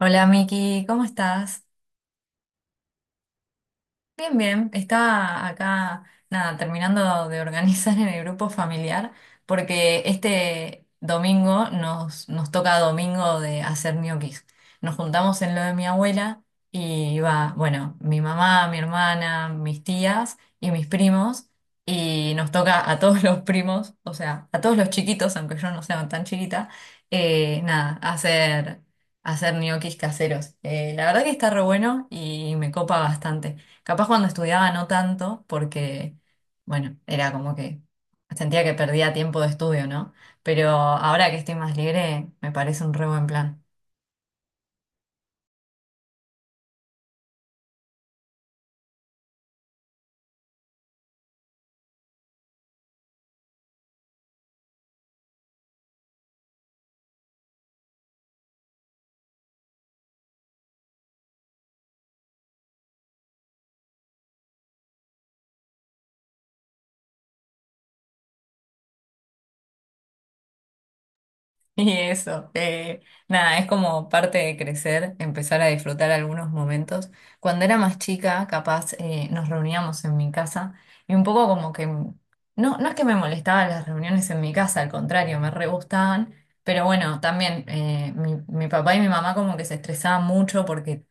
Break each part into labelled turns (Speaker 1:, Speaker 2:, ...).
Speaker 1: Hola Miki, ¿cómo estás? Bien, bien, estaba acá, nada, terminando de organizar en el grupo familiar, porque este domingo nos toca domingo de hacer ñoquis. Nos juntamos en lo de mi abuela y va, bueno, mi mamá, mi hermana, mis tías y mis primos, y nos toca a todos los primos, o sea, a todos los chiquitos, aunque yo no sea tan chiquita, nada, hacer ñoquis caseros. La verdad que está re bueno y me copa bastante. Capaz cuando estudiaba no tanto, porque, bueno, era como que sentía que perdía tiempo de estudio, ¿no? Pero ahora que estoy más libre, me parece un re buen plan. Y eso, nada, es como parte de crecer, empezar a disfrutar algunos momentos. Cuando era más chica, capaz nos reuníamos en mi casa y un poco como que, no, no es que me molestaban las reuniones en mi casa, al contrario, me re gustaban. Pero bueno, también mi papá y mi mamá como que se estresaban mucho porque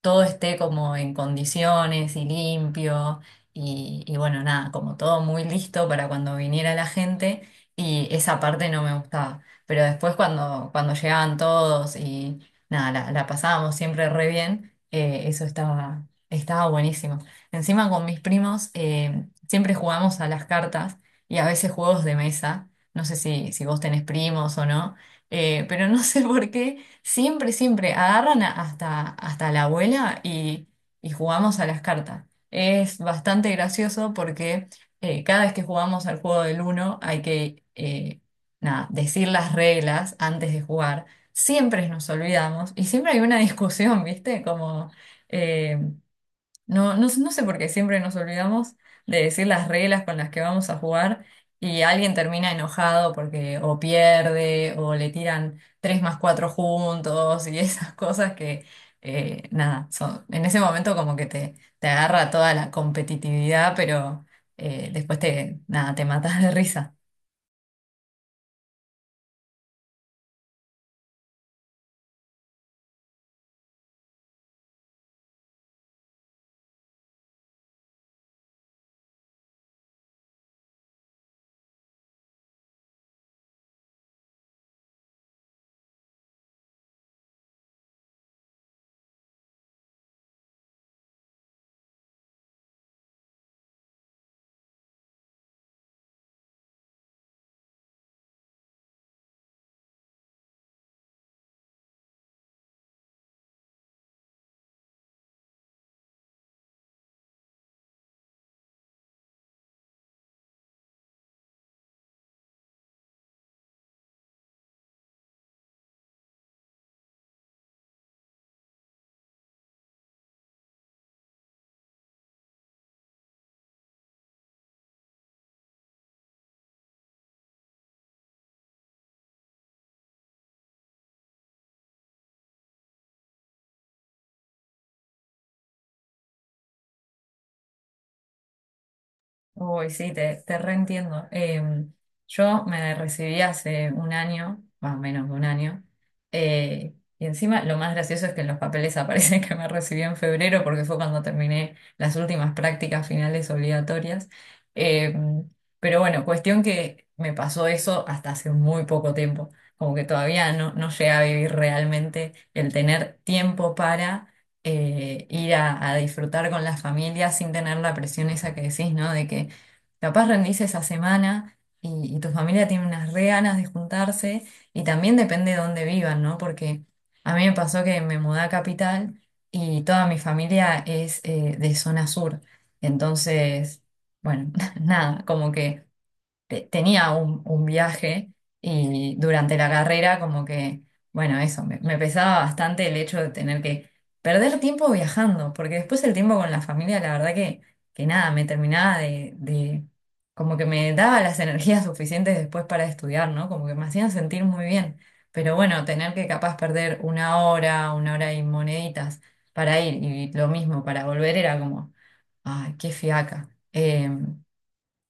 Speaker 1: todo esté como en condiciones y limpio y bueno, nada, como todo muy listo para cuando viniera la gente y esa parte no me gustaba. Pero después cuando llegaban todos y nada, la pasábamos siempre re bien, estaba buenísimo. Encima con mis primos siempre jugamos a las cartas y a veces juegos de mesa. No sé si vos tenés primos o no, pero no sé por qué. Siempre agarran a- hasta la abuela y jugamos a las cartas. Es bastante gracioso porque cada vez que jugamos al juego del uno hay que nada, decir las reglas antes de jugar. Siempre nos olvidamos y siempre hay una discusión, ¿viste? Como eh, no, no, no sé por qué siempre nos olvidamos de decir las reglas con las que vamos a jugar y alguien termina enojado porque o pierde o le tiran tres más cuatro juntos y esas cosas que, nada, son, en ese momento como que te agarra toda la competitividad, pero después nada, te matas de risa. Uy, sí, te reentiendo. Yo me recibí hace un año, más o menos de un año, y encima lo más gracioso es que en los papeles aparece que me recibí en febrero porque fue cuando terminé las últimas prácticas finales obligatorias. Em, pero bueno, cuestión que me pasó eso hasta hace muy poco tiempo, como que todavía no llegué a vivir realmente el tener tiempo para ir a disfrutar con la familia sin tener la presión esa que decís, ¿no? De que capaz rendís esa semana y tu familia tiene unas re ganas de juntarse y también depende de dónde vivan, ¿no? Porque a mí me pasó que me mudé a Capital y toda mi familia es de zona sur. Entonces, bueno, nada, como que te- tenía un viaje y durante la carrera como que, bueno, eso, me pesaba bastante el hecho de tener que perder tiempo viajando, porque después el tiempo con la familia, la verdad que nada, me terminaba como que me daba las energías suficientes después para estudiar, ¿no? Como que me hacían sentir muy bien. Pero bueno, tener que capaz perder una hora y moneditas para ir y lo mismo para volver era como, ay, qué fiaca.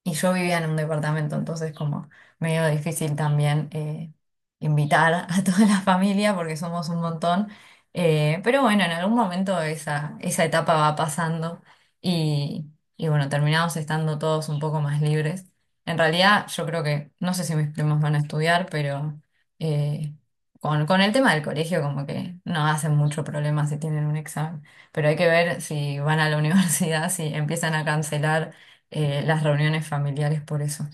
Speaker 1: Y yo vivía en un departamento, entonces como medio difícil también invitar a toda la familia porque somos un montón. Pero bueno, en algún momento esa etapa va pasando y, y bueno, terminamos estando todos un poco más libres. En realidad yo creo que, no sé si mis primos van a estudiar, pero eh, con el tema del colegio como que no hacen mucho problema si tienen un examen. Pero hay que ver si van a la universidad, si empiezan a cancelar las reuniones familiares por eso.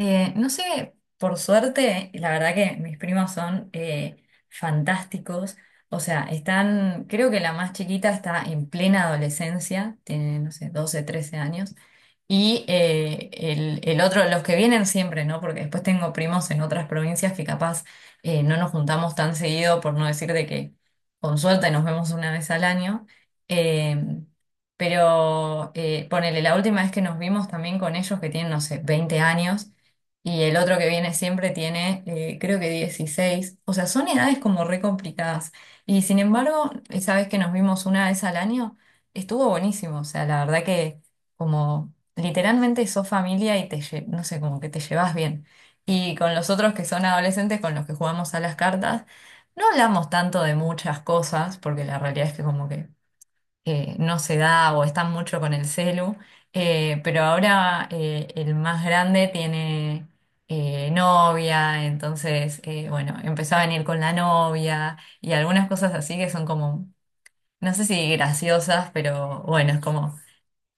Speaker 1: No sé, por suerte, la verdad que mis primos son fantásticos. O sea, están, creo que la más chiquita está en plena adolescencia, tiene, no sé, 12 13 años. Y el otro, los que vienen siempre, ¿no? Porque después tengo primos en otras provincias que capaz no nos juntamos tan seguido, por no decir de que con suerte nos vemos una vez al año. Em, pero ponele, la última vez que nos vimos también con ellos que tienen, no sé, 20 años. Y el otro que viene siempre tiene, creo que dieciséis. O sea, son edades como re complicadas. Y sin embargo, esa vez que nos vimos una vez al año, estuvo buenísimo. O sea, la verdad que como literalmente sos familia y te, lle- no sé, como que te llevas bien. Y con los otros que son adolescentes con los que jugamos a las cartas, no hablamos tanto de muchas cosas, porque la realidad es que como que no se da o están mucho con el celu, pero ahora el más grande tiene novia, entonces, bueno, empezó a venir con la novia y algunas cosas así que son como, no sé si graciosas, pero bueno, es como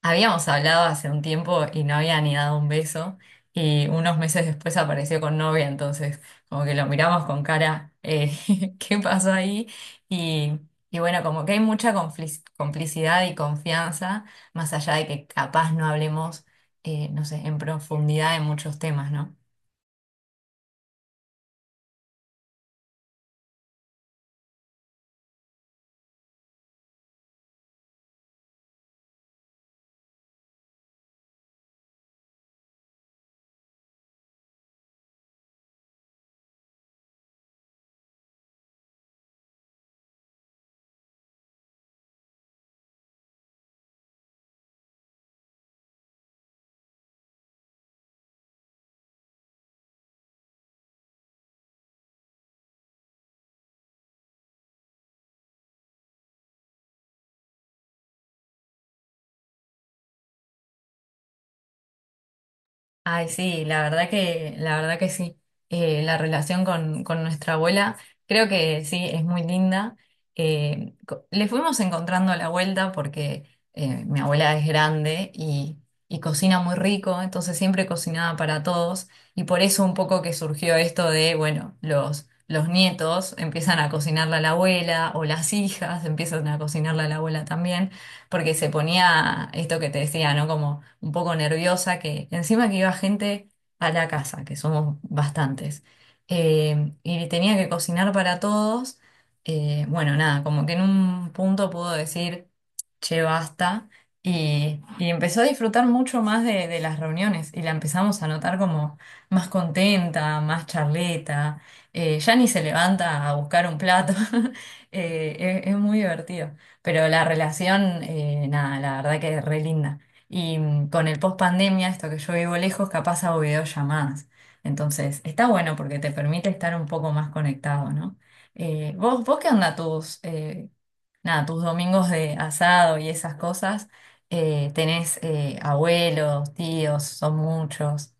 Speaker 1: habíamos hablado hace un tiempo y no había ni dado un beso y unos meses después apareció con novia, entonces como que lo miramos con cara, ¿qué pasó ahí? Y, y bueno, como que hay mucha conflic- complicidad y confianza, más allá de que capaz no hablemos, no sé, en profundidad de muchos temas, ¿no? Ay, sí, la verdad que sí. La relación con nuestra abuela, creo que sí, es muy linda. Co- le fuimos encontrando la vuelta porque mi abuela es grande y cocina muy rico, entonces siempre cocinaba para todos. Y por eso un poco que surgió esto de, bueno, los nietos empiezan a cocinarle a la abuela o las hijas empiezan a cocinarle a la abuela también porque se ponía esto que te decía, ¿no? Como un poco nerviosa, que encima que iba gente a la casa, que somos bastantes, y tenía que cocinar para todos. Eh, bueno, nada, como que en un punto pudo decir, che, basta. Y empezó a disfrutar mucho más de las reuniones y la empezamos a notar como más contenta, más charleta, ya ni se levanta a buscar un plato. Es muy divertido. Pero la relación, nada, la verdad que es re linda. Y mm, con el post pandemia, esto que yo vivo lejos, capaz hago videollamadas. Entonces, está bueno porque te permite estar un poco más conectado, ¿no? Vos qué onda tus, nada, tus domingos de asado y esas cosas? ¿Tenés abuelos, tíos, son muchos?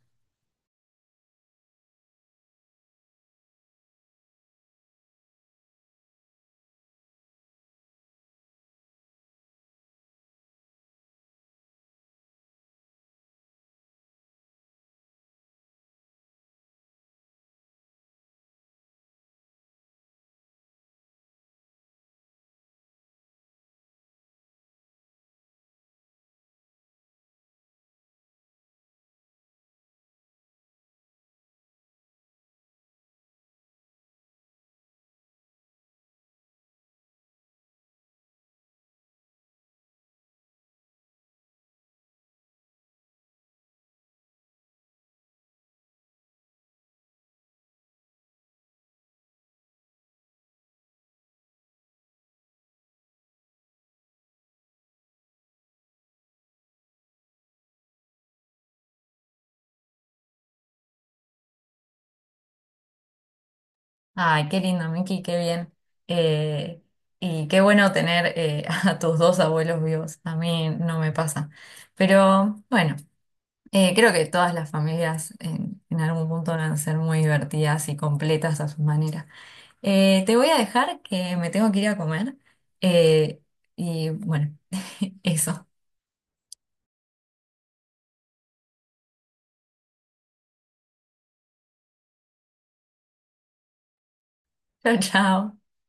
Speaker 1: Ay, qué lindo, Miki, qué bien. Eh, y qué bueno tener a tus dos abuelos vivos. A mí no me pasa. Pero bueno, creo que todas las familias en algún punto van a ser muy divertidas y completas a su manera. Te voy a dejar que me tengo que ir a comer. Eh, y bueno, eso. Chao, chao.